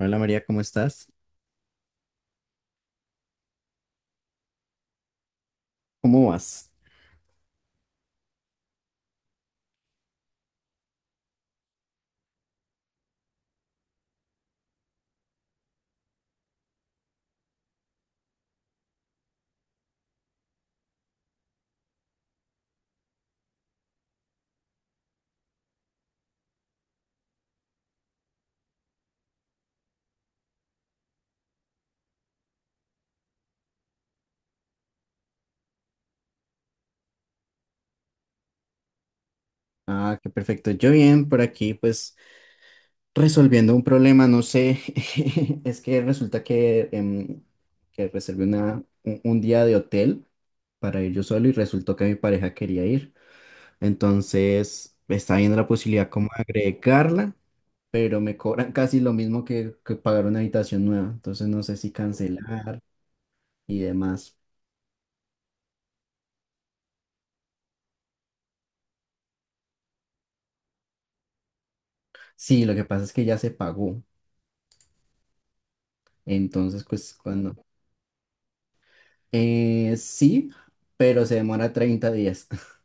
Hola María, ¿cómo estás? ¿Cómo vas? Ah, qué perfecto. Yo bien, por aquí pues resolviendo un problema, no sé, es que resulta que, que reservé un día de hotel para ir yo solo y resultó que mi pareja quería ir. Entonces está viendo la posibilidad como de agregarla, pero me cobran casi lo mismo que pagar una habitación nueva. Entonces no sé si cancelar y demás. Sí, lo que pasa es que ya se pagó. Entonces, pues cuando... sí, pero se demora 30 días.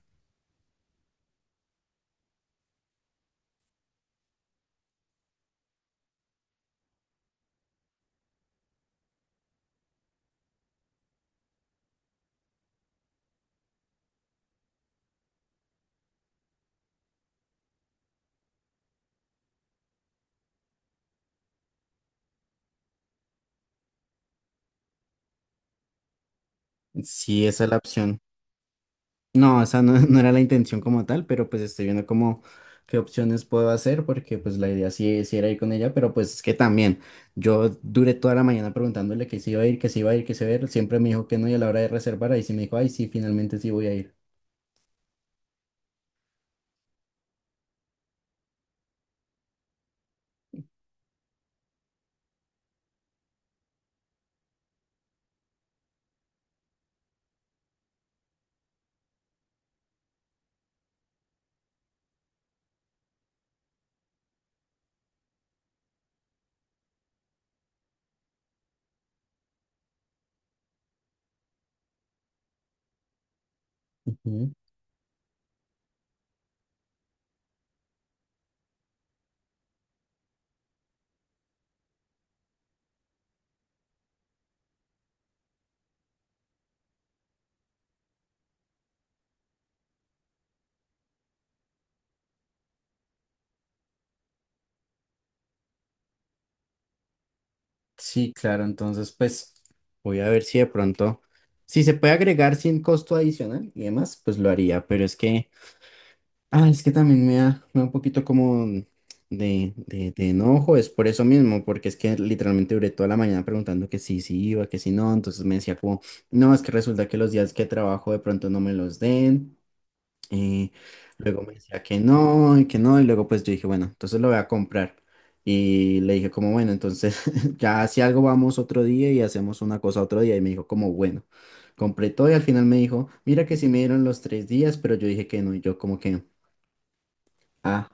Sí, esa es la opción. No, esa no, no era la intención como tal, pero pues estoy viendo como qué opciones puedo hacer, porque pues la idea sí, sí era ir con ella, pero pues es que también yo duré toda la mañana preguntándole que si iba a ir, que si iba a ir, que si iba a ir, siempre me dijo que no y a la hora de reservar ahí sí me dijo, ay, sí, finalmente sí voy a ir. Ujú. Sí, claro, entonces pues voy a ver si de pronto, si se puede agregar sin costo adicional y demás, pues lo haría, pero es que... Ah, es que también me da un poquito como de enojo, es por eso mismo, porque es que literalmente duré toda la mañana preguntando que sí, sí iba, que sí no, entonces me decía como, no, es que resulta que los días que trabajo de pronto no me los den, eh, luego me decía que no, y luego pues yo dije, bueno, entonces lo voy a comprar, y le dije como, bueno, entonces ya si algo vamos otro día y hacemos una cosa otro día, y me dijo como, bueno, compré todo y al final me dijo, mira que sí me dieron los 3 días, pero yo dije que no, y yo como que... Ah.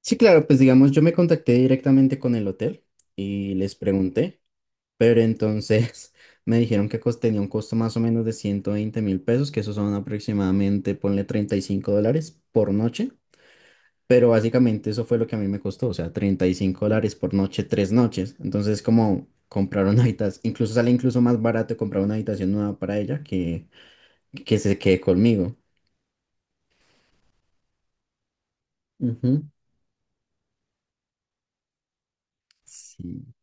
Sí, claro, pues digamos, yo me contacté directamente con el hotel y les pregunté, pero entonces me dijeron que tenía un costo más o menos de 120.000 pesos, que esos son aproximadamente, ponle 35 dólares por noche, pero básicamente eso fue lo que a mí me costó, o sea, 35 dólares por noche, 3 noches. Entonces, como comprar una habitación, incluso sale incluso más barato comprar una habitación nueva para ella que se quede conmigo. Ujú. Sí.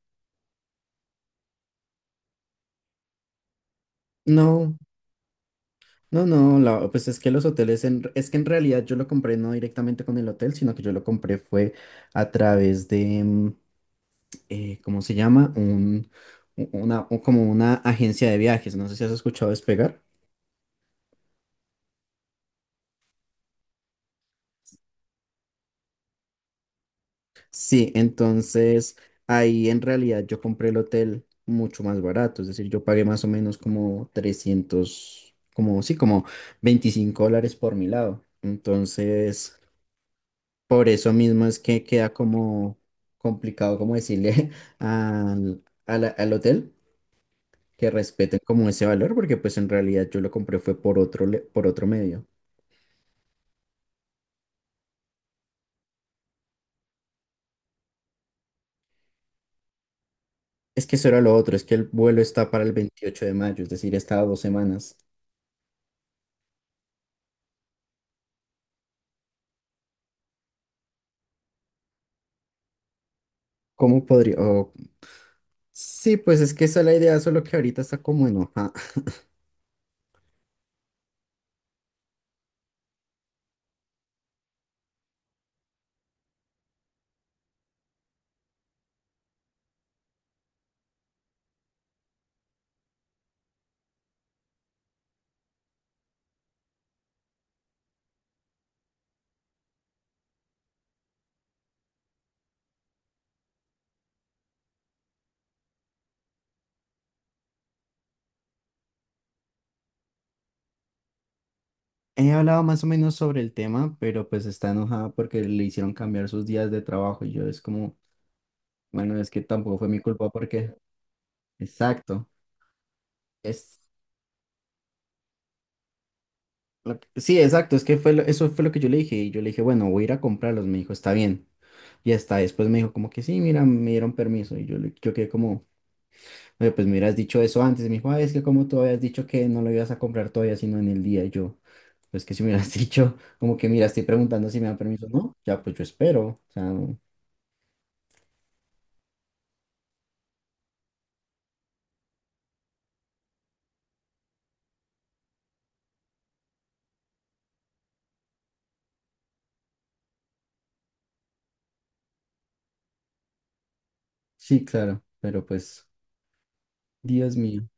No. No, no, pues es que los hoteles, es que en realidad yo lo compré no directamente con el hotel, sino que yo lo compré fue a través de, ¿cómo se llama? Un, u- una, o como una agencia de viajes, no sé si has escuchado Despegar. Sí, entonces ahí en realidad yo compré el hotel mucho más barato, es decir, yo pagué más o menos como 300 como sí, como 25 dólares por mi lado. Entonces... Por eso mismo es que queda como complicado como decirle al hotel que respeten como ese valor, porque pues en realidad yo lo compré fue por otro, por otro medio. Es que eso era lo otro, es que el vuelo está para el 28 de mayo, es decir, está a 2 semanas. ¿Cómo podría? Sí, pues es que esa es la idea, solo que ahorita está como enojada. He hablado más o menos sobre el tema, pero pues está enojada porque le hicieron cambiar sus días de trabajo y yo es como, bueno, es que tampoco fue mi culpa porque... Exacto. Sí, exacto, es que fue eso fue lo que yo le dije y yo le dije, bueno, voy a ir a comprarlos, me dijo, está bien. Y hasta después me dijo como que sí, mira, me dieron permiso y yo, yo quedé como, "Oye, pues me hubieras dicho eso antes". Y me dijo, "Ay, es que como tú habías dicho que no lo ibas a comprar todavía, sino en el día". Y yo, pues que si me hubieras dicho como que, mira, estoy preguntando si me dan permiso o no, ya pues yo espero. O sea, no. Sí, claro, pero pues, Dios mío,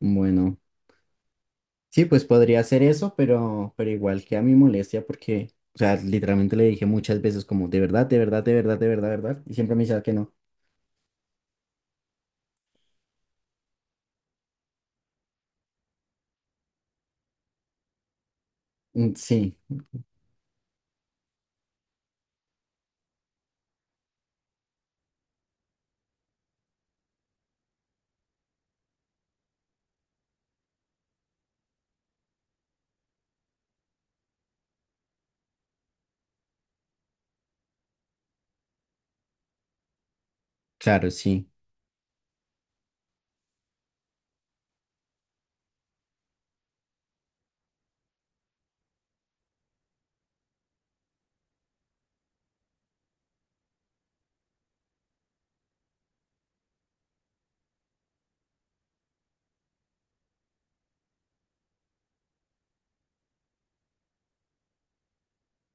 bueno. Sí, pues podría hacer eso, pero igual que a mi molestia, porque, o sea, literalmente le dije muchas veces como, de verdad, de verdad, de verdad, de verdad, verdad, y siempre me decía que no. Mm, sí, claro, sí,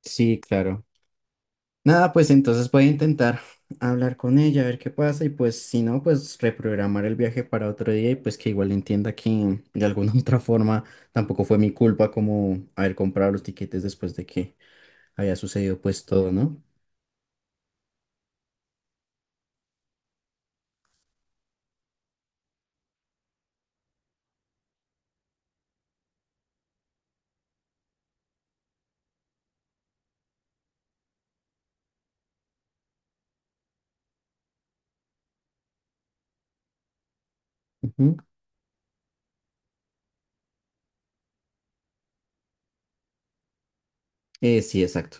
sí, claro. Nada, pues entonces voy a intentar hablar con ella, a ver qué pasa, y pues si no, pues reprogramar el viaje para otro día y pues que igual entienda que de alguna otra forma tampoco fue mi culpa como haber comprado los tiquetes después de que había sucedido pues todo, ¿no? Ujú. Sí, exacto.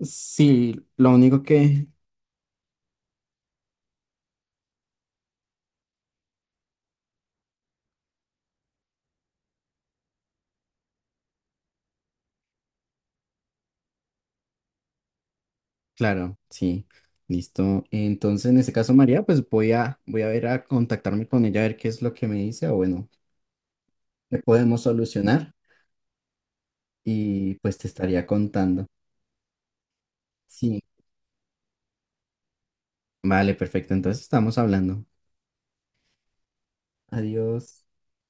Sí, lo único que, claro, sí. Listo. Entonces, en este caso, María, pues voy a ver a contactarme con ella a ver qué es lo que me dice o bueno, qué podemos solucionar y pues te estaría contando. Sí. Vale, perfecto. Entonces estamos hablando. Adiós.